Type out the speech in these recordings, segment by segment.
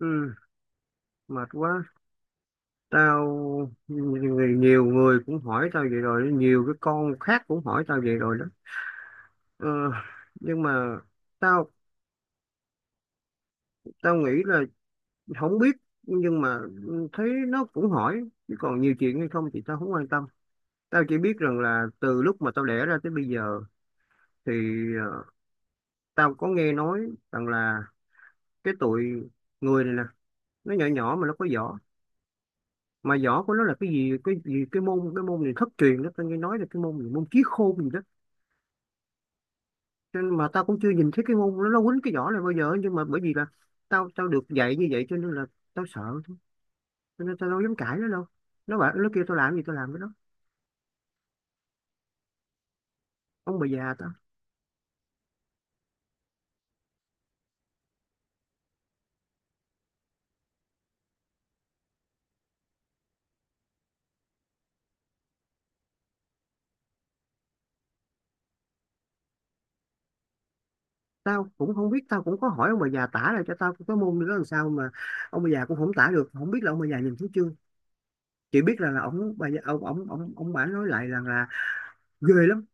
Ừ, mệt quá. Tao người Nhiều người cũng hỏi tao vậy rồi, nhiều cái con khác cũng hỏi tao vậy rồi đó. Ờ, nhưng mà tao tao nghĩ là không biết, nhưng mà thấy nó cũng hỏi, chứ còn nhiều chuyện hay không thì tao không quan tâm. Tao chỉ biết rằng là từ lúc mà tao đẻ ra tới bây giờ thì ờ, tao có nghe nói rằng là cái tụi người này nè, nó nhỏ nhỏ mà nó có võ. Mà võ của nó là cái môn cái môn này thất truyền đó, tao nghe nói là cái môn gì, môn chí khôn gì đó. Cho nên mà tao cũng chưa nhìn thấy cái môn nó quýnh cái vỏ này bao giờ, nhưng mà bởi vì là tao tao được dạy như vậy cho nên là tao sợ thôi. Cho nên tao đâu dám cãi nó đâu, nó bảo nó kêu tao làm gì tao làm với nó. Ông bà già tao, tao cũng không biết, tao cũng có hỏi ông bà già tả lại cho tao cái môn nữa, làm sao mà ông bà già cũng không tả được, không biết là ông bà già nhìn thấy chưa, chỉ biết là ông bà già, ông bà nói lại rằng là ghê lắm,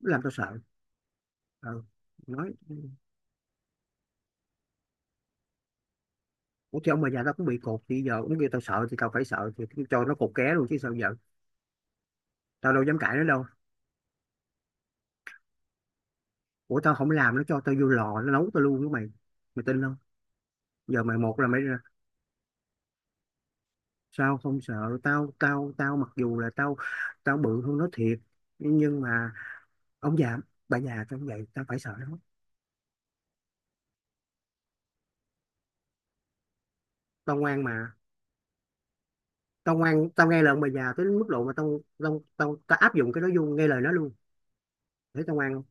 làm tao sợ. Ừ. Nói. Ủa thì ông bà già tao cũng bị cột thì giờ cũng kêu tao sợ thì tao phải sợ, thì cho nó cột ké luôn chứ sao giờ, tao đâu dám cãi nó đâu. Ủa tao không làm nó cho tao vô lò nó nấu tao luôn với mày, mày tin không? Giờ mày một là mày ra, sao không sợ? Tao tao tao mặc dù là tao, tao bự hơn nó thiệt nhưng mà ông già bà già tao cũng vậy, tao phải sợ nó. Tao ngoan mà, tao ngoan tao nghe lời ông bà già tới mức độ mà tao áp dụng cái đó vô nghe lời nó luôn. Để tao ngoan không?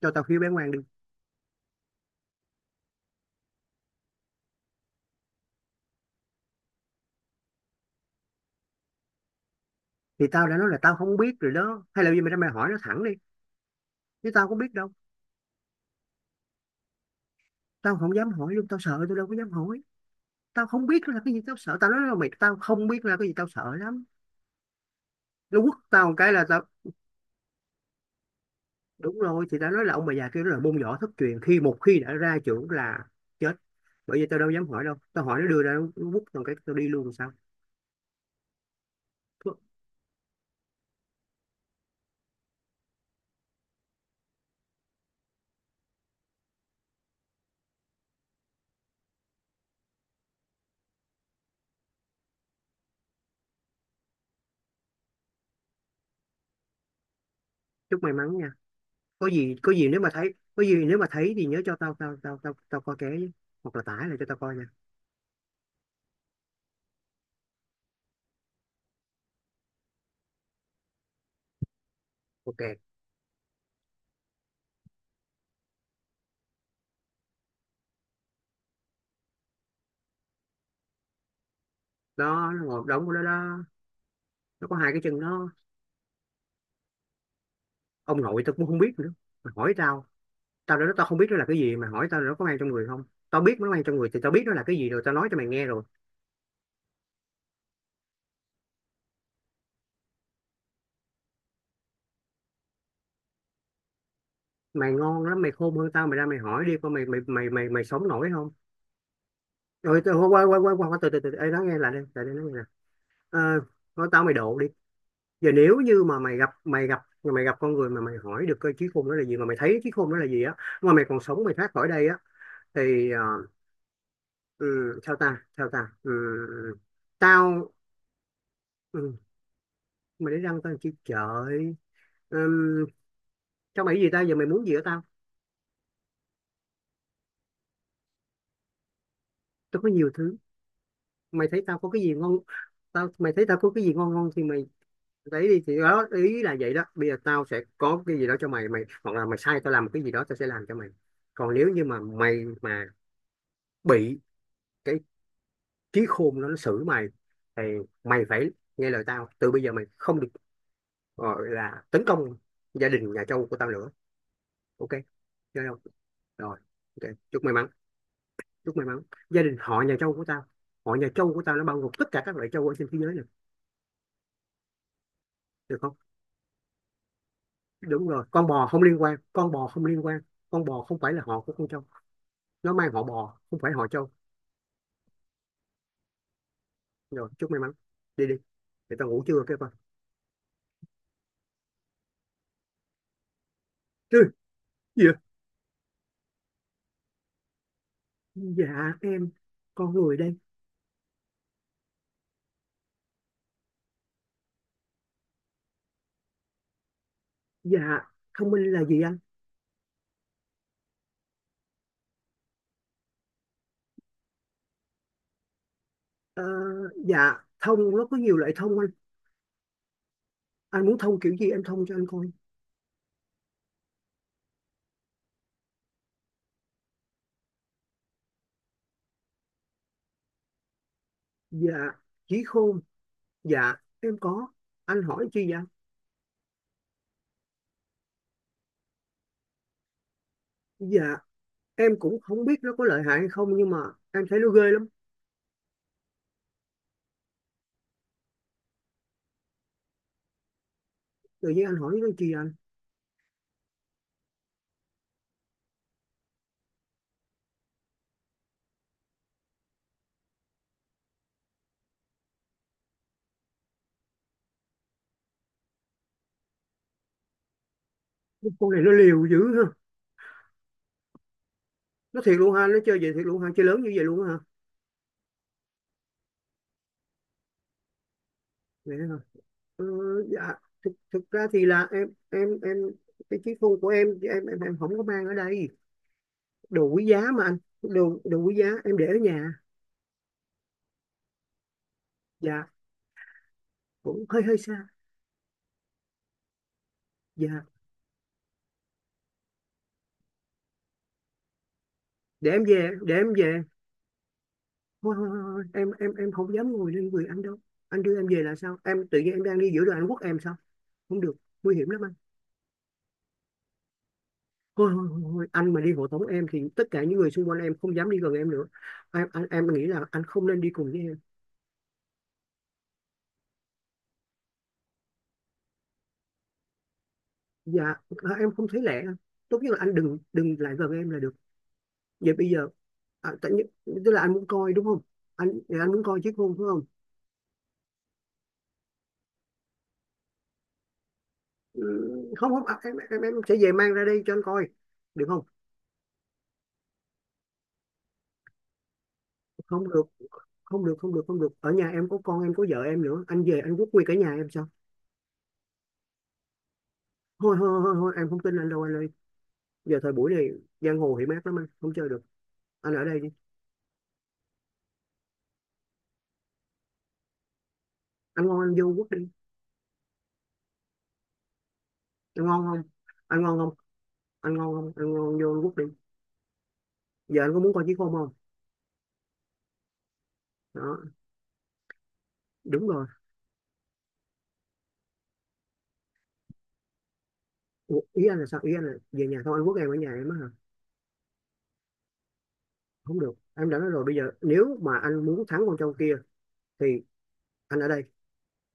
Cho tao khiêu bé ngoan đi. Thì tao đã nói là tao không biết rồi đó, hay là bây giờ mày ra mày hỏi nó thẳng đi, chứ tao có biết đâu. Tao không dám hỏi luôn, tao sợ, tao đâu có dám hỏi. Tao không biết là cái gì, tao sợ, tao nói là mày, tao không biết là cái gì, tao sợ lắm. Nó quất tao một cái là tao, đúng rồi, thì tao nói là ông bà già kia nó là môn võ thất truyền, khi một khi đã ra trưởng là chết. Bởi vì tao đâu dám hỏi đâu, tao hỏi nó đưa ra nó quất tao một cái tao đi luôn sao. Chúc Chúc may mắn nha. Có gì, có gì nếu mà thấy, có gì nếu mà thấy thì nhớ cho tao tao tao tao tao coi ké với. Hoặc là tải lại cho tao coi nha. Ok. Đó, nó ngồi đóng của nó đó, nó có hai cái chân nó. Ông nội tao cũng không biết nữa mà hỏi tao, tao đến đó tao không biết nó là cái gì, mày hỏi tao là nó có mang trong người không, tao biết nó mang trong người thì tao biết nó là cái gì rồi tao nói cho mày nghe rồi. Mày ngon lắm, mày khôn hơn tao, mày ra mày hỏi đi coi mày mày mày mày mày sống nổi không. Rồi tao qua qua qua qua từ từ từ ê nói nghe, lại đây nói nghe nè. Ờ. Nói tao mày độ đi. Giờ nếu như mà mày gặp, mày gặp con người mà mày hỏi được cái trí khôn đó là gì, mà mày thấy trí khôn đó là gì á, mà mày còn sống mày thoát khỏi đây á thì ừ, sao ta, sao ta, ừ, tao, ừ, mày để răng tao chi trời. Ừm, cho mày cái gì tao, giờ mày muốn gì ở tao? Tôi có nhiều thứ, mày thấy tao có cái gì ngon. Tao, mày thấy tao có cái gì ngon ngon thì mày lấy đi, thì đó ý là vậy đó, bây giờ tao sẽ có cái gì đó cho mày, mày hoặc là mày sai tao làm một cái gì đó tao sẽ làm cho mày. Còn nếu như mà mày mà bị cái trí khôn nó xử mày thì mày phải nghe lời tao từ bây giờ, mày không được gọi là tấn công gia đình nhà Châu của tao nữa. Ok, chơi không? Rồi. Ok, chúc may mắn. Chúc may mắn. Gia đình họ nhà Châu của tao, họ nhà Châu của tao nó bao gồm tất cả các loại Châu ở trên thế giới này, được không? Đúng rồi, con bò không liên quan, con bò không liên quan, con bò không phải là họ của con trâu, nó mang họ bò không phải họ trâu. Rồi, chúc may mắn, đi đi, để tao ngủ chưa kêu con. Chứ gì vậy? Dạ em con người đây. Dạ thông minh là gì anh? ờ, dạ thông nó có nhiều loại thông anh muốn thông kiểu gì em thông cho anh coi. Dạ trí khôn, dạ em có, anh hỏi chi vậy anh? Dạ em cũng không biết nó có lợi hại hay không nhưng mà em thấy nó ghê lắm. Tự nhiên anh hỏi nó chi vậy anh? Con này nó liều dữ ha, nó thiệt luôn ha, nó chơi vậy thiệt luôn ha, chơi lớn như vậy luôn á hả? Vậy hả? ờ, dạ thực ra thì là em cái chiếc phone của em không có mang ở đây, đồ quý giá mà anh, đồ đồ quý giá em để ở nhà. Dạ cũng hơi hơi xa. Dạ. Để em về, để em về. Thôi, thôi, thôi, thôi. Em không dám ngồi lên người anh đâu, anh đưa em về là sao, em tự nhiên em đang đi giữa đường anh quất em sao, không được, nguy hiểm lắm anh. Thôi. Anh mà đi hộ tống em thì tất cả những người xung quanh em không dám đi gần em nữa. Em anh em nghĩ là anh không nên đi cùng với em. Dạ. À, em không thấy lẻ. Tốt nhất là anh đừng đừng lại gần em là được. Vậy bây giờ, à, tại nhất, tức là anh muốn coi đúng không? Anh thì anh muốn coi chiếc hôn phải không? Ừ, không không à, em sẽ về mang ra đây cho anh coi, được không? không được Không được, không được ở nhà em có con em có vợ em nữa, anh về anh quốc quy cả nhà em sao. Thôi em không tin anh đâu anh ơi. Giờ thời buổi này giang hồ hiểm ác lắm, anh không chơi được, anh ở đây đi. Anh ngon anh vô quốc đi. Anh ngon không? Anh ngon không? Anh ngon không? Anh ngon vô quốc đi. Giờ anh có muốn coi chiếc hôn không? Đó, đúng rồi. Ủa, ý anh là sao, ý anh là về nhà không anh quốc em ở nhà em á hả? Không được, em đã nói rồi, bây giờ nếu mà anh muốn thắng con trâu kia thì anh ở đây,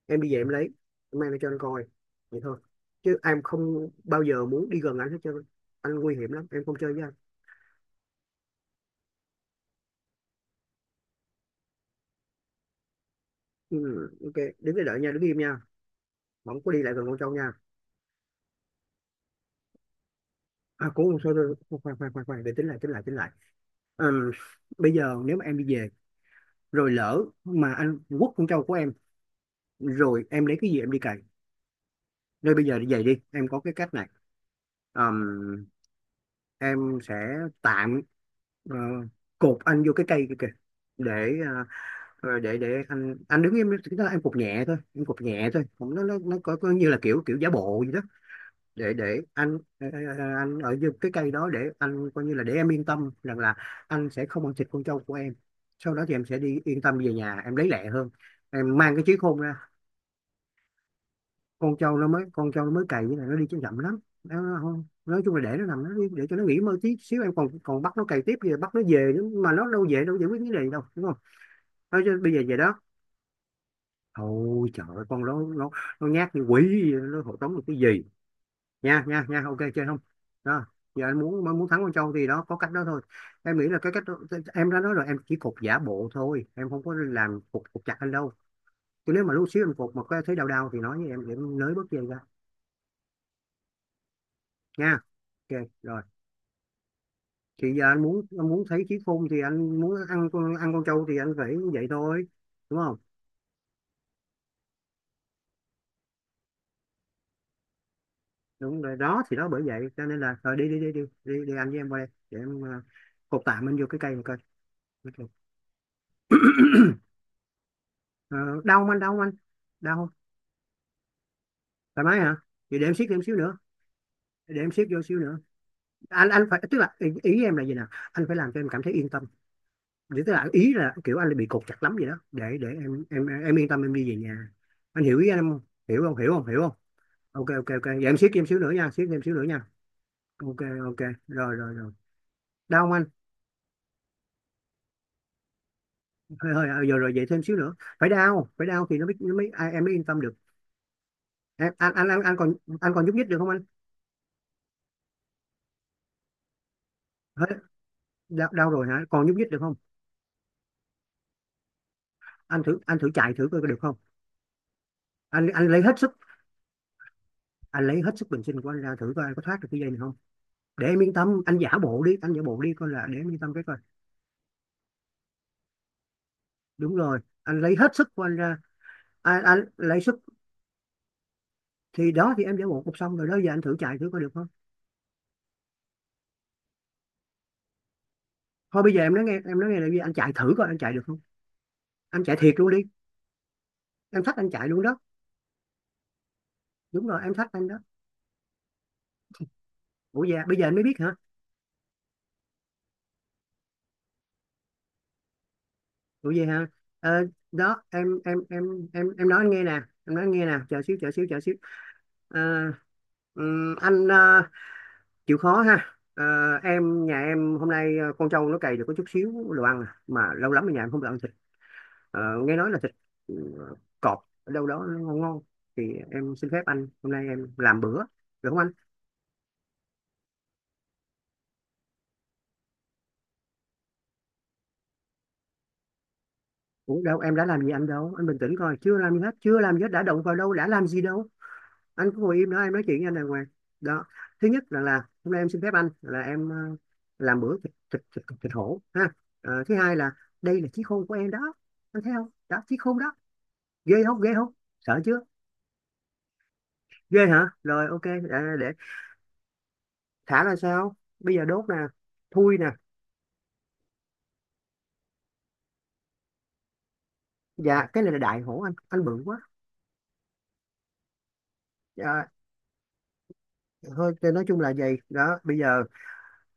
em đi về em lấy, em mang lại cho anh coi, vậy thôi, chứ em không bao giờ muốn đi gần anh hết trơn, anh nguy hiểm lắm em không chơi với anh. Ừ, ok đứng để đợi nha, đứng im nha, không có đi lại gần con trâu nha. À cũng không sao đâu. Khoan khoan khoan khoan để tính lại. Ừm, Bây giờ nếu mà em đi về, rồi lỡ mà anh quất con trâu của em, rồi em lấy cái gì em đi cày. Nơi bây giờ đi về đi, em có cái cách này. Ờm, em sẽ tạm ờ, cột anh vô cái cây kia kìa. Để để để anh đứng im, chúng ta em cột nhẹ thôi, em cột nhẹ thôi, không nó có như là kiểu kiểu giả bộ gì đó. Để anh anh ở dưới cái cây đó để anh coi, như là để em yên tâm rằng là anh sẽ không ăn thịt con trâu của em. Sau đó thì em sẽ đi yên tâm về nhà em lấy lẹ hơn. Em mang cái chiếc khôn ra. Con trâu nó mới con trâu nó mới cày, với lại nó đi chậm chậm lắm, nó không, nói chung là để nó nằm nó đi, để cho nó nghỉ mơ tí xíu. Em còn còn bắt nó cày tiếp gì, bắt nó về nữa mà nó đâu về đâu, giải quyết vấn đề đâu, đúng không? Nói chứ bây giờ về đó, thôi trời ơi, con nó nó nhát như quỷ vậy, nó hộ tống được cái gì. Nha nha nha, ok, chơi không? Đó, giờ anh muốn muốn thắng con trâu thì đó, có cách đó thôi. Em nghĩ là cái cách đó, em đã nói rồi, em chỉ cột giả bộ thôi, em không có làm cột cột chặt anh đâu. Chứ nếu mà lúc xíu em cột mà có thấy đau đau thì nói với em để em nới bớt dây ra nha. Ok rồi, thì giờ anh muốn thấy trí khôn thì anh muốn ăn con trâu thì anh phải vậy thôi, đúng không? Đúng rồi đó, thì đó, bởi vậy cho nên là rồi, đi đi đi đi đi, đi anh với em qua đây để em cột tạm anh vô cái cây một coi. Ok. Ờ, đau không anh, đau không anh, đau không? Thoải mái hả? Vậy để em siết thêm xíu nữa, để em siết vô xíu nữa. Anh phải, tức là ý em là gì nào, anh phải làm cho em cảm thấy yên tâm. Để tức là ý là kiểu anh bị cột chặt lắm vậy đó, để em yên tâm em đi về nhà. Anh hiểu ý anh không? Hiểu không, hiểu không, hiểu không? Ok ok ok, vậy em siết thêm xíu nữa nha, siết thêm xíu nữa nha. Ok ok. Rồi rồi rồi, đau không anh? Hơi hơi à, rồi rồi, vậy thêm xíu nữa. Phải đau, phải đau thì nó mới ai, em mới yên tâm được. Em anh còn nhúc nhích được không anh? Hết, đau, đau rồi hả, còn nhúc nhích được không? Anh thử chạy thử coi có được không, anh lấy hết sức. Anh lấy hết sức bình sinh của anh ra thử coi anh có thoát được cái dây này không. Để em yên tâm, anh giả bộ đi, anh giả bộ đi coi, là để em yên tâm cái coi. Đúng rồi, anh lấy hết sức của anh ra. Anh lấy sức, thì đó thì em giả bộ cũng xong rồi đó, giờ anh thử chạy thử coi được không. Thôi bây giờ em nói nghe, em nói nghe là gì, anh chạy thử coi anh chạy được không, anh chạy thiệt luôn đi. Em thách anh chạy luôn đó. Đúng rồi, em thách anh đó. Ủa dạ, bây giờ anh mới biết hả? Ủa vậy hả? Ờ, đó em em nói anh nghe nè, em nói anh nghe nè, chờ xíu chờ xíu chờ xíu. Ờ, anh chịu khó ha. Ờ, nhà em hôm nay con trâu nó cày được có chút xíu đồ ăn à. Mà lâu lắm ở nhà em không được ăn thịt. Ờ, nghe nói là thịt, ừ, cọp ở đâu đó nó ngon ngon, thì em xin phép anh hôm nay em làm bữa, được không anh? Ủa đâu, em đã làm gì anh đâu, anh bình tĩnh coi, chưa làm gì hết, chưa làm gì hết, đã động vào đâu, đã làm gì đâu. Anh cứ ngồi im đó em nói chuyện với anh đàng hoàng. Đó, thứ nhất là hôm nay em xin phép anh là em làm bữa thịt hổ ha. Ờ, thứ hai là đây là chí khôn của em đó, anh thấy không đó, chí khôn đó, ghê không, ghê không, sợ chưa? Ghê hả, rồi ok, để thả ra sao, bây giờ đốt nè, thui nè. Dạ cái này là đại hổ, anh bự quá. Dạ, thôi thì nói chung là gì đó, bây giờ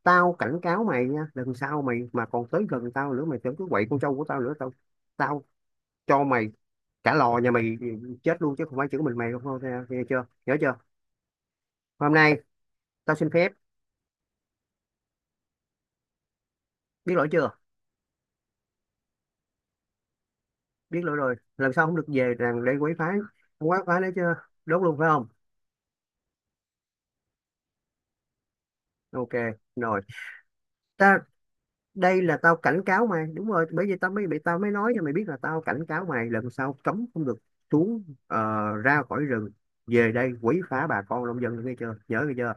tao cảnh cáo mày nha, lần sau mày mà còn tới gần tao nữa, mày tưởng cứ quậy con trâu của tao nữa, tao tao cho mày cả lò nhà mày chết luôn chứ không phải chỉ có mình mày không thôi, nghe chưa, nhớ chưa. Hôm nay tao xin phép. Biết lỗi chưa? Biết lỗi rồi lần sau không được về rằng để quấy phá, không quấy phá nữa chưa? Đốt luôn phải không? Ok rồi. Ta, đây là tao cảnh cáo mày, đúng rồi, bởi vì tao mới bị, tao mới nói cho mày biết là tao cảnh cáo mày lần sau cấm không được xuống ra khỏi rừng về đây quấy phá bà con nông dân, nghe chưa, nhớ nghe chưa.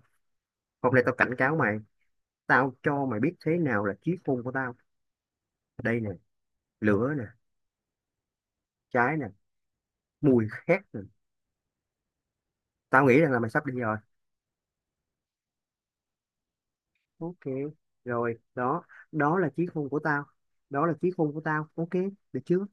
Hôm nay tao cảnh cáo mày, tao cho mày biết thế nào là chí khôn của tao. Đây nè, lửa nè, trái nè, mùi khét rồi. Tao nghĩ rằng là mày sắp đi rồi. Ok, rồi đó, đó là chiếc hôn của tao. Đó là chiếc hôn của tao, ok, được chưa?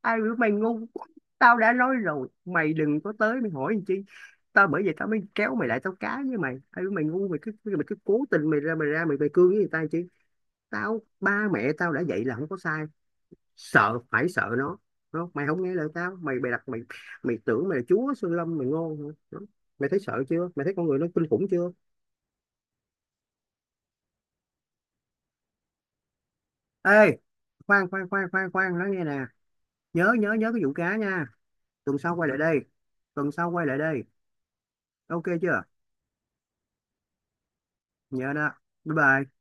Ai biểu mày ngu, tao đã nói rồi mày đừng có tới, mày hỏi làm chi, tao bởi vậy tao mới kéo mày lại, tao cá với mày, ai biểu mày ngu, mày cứ cố tình mày ra mày ra mày mày cương với người ta làm chi. Tao, ba mẹ tao đã dạy là không có sai, sợ phải sợ nó. Đúng không? Mày không nghe lời tao, mày bày đặt mày mày tưởng mày là chúa Sơn Lâm, mày ngon hả? Đúng. Mày thấy sợ chưa, mày thấy con người nó kinh khủng chưa? Ê, khoan khoan khoan khoan khoan nói nghe nè, nhớ nhớ nhớ cái vụ cá nha, tuần sau quay lại đây, tuần sau quay lại đây, ok chưa? Nhớ đó, bye bye.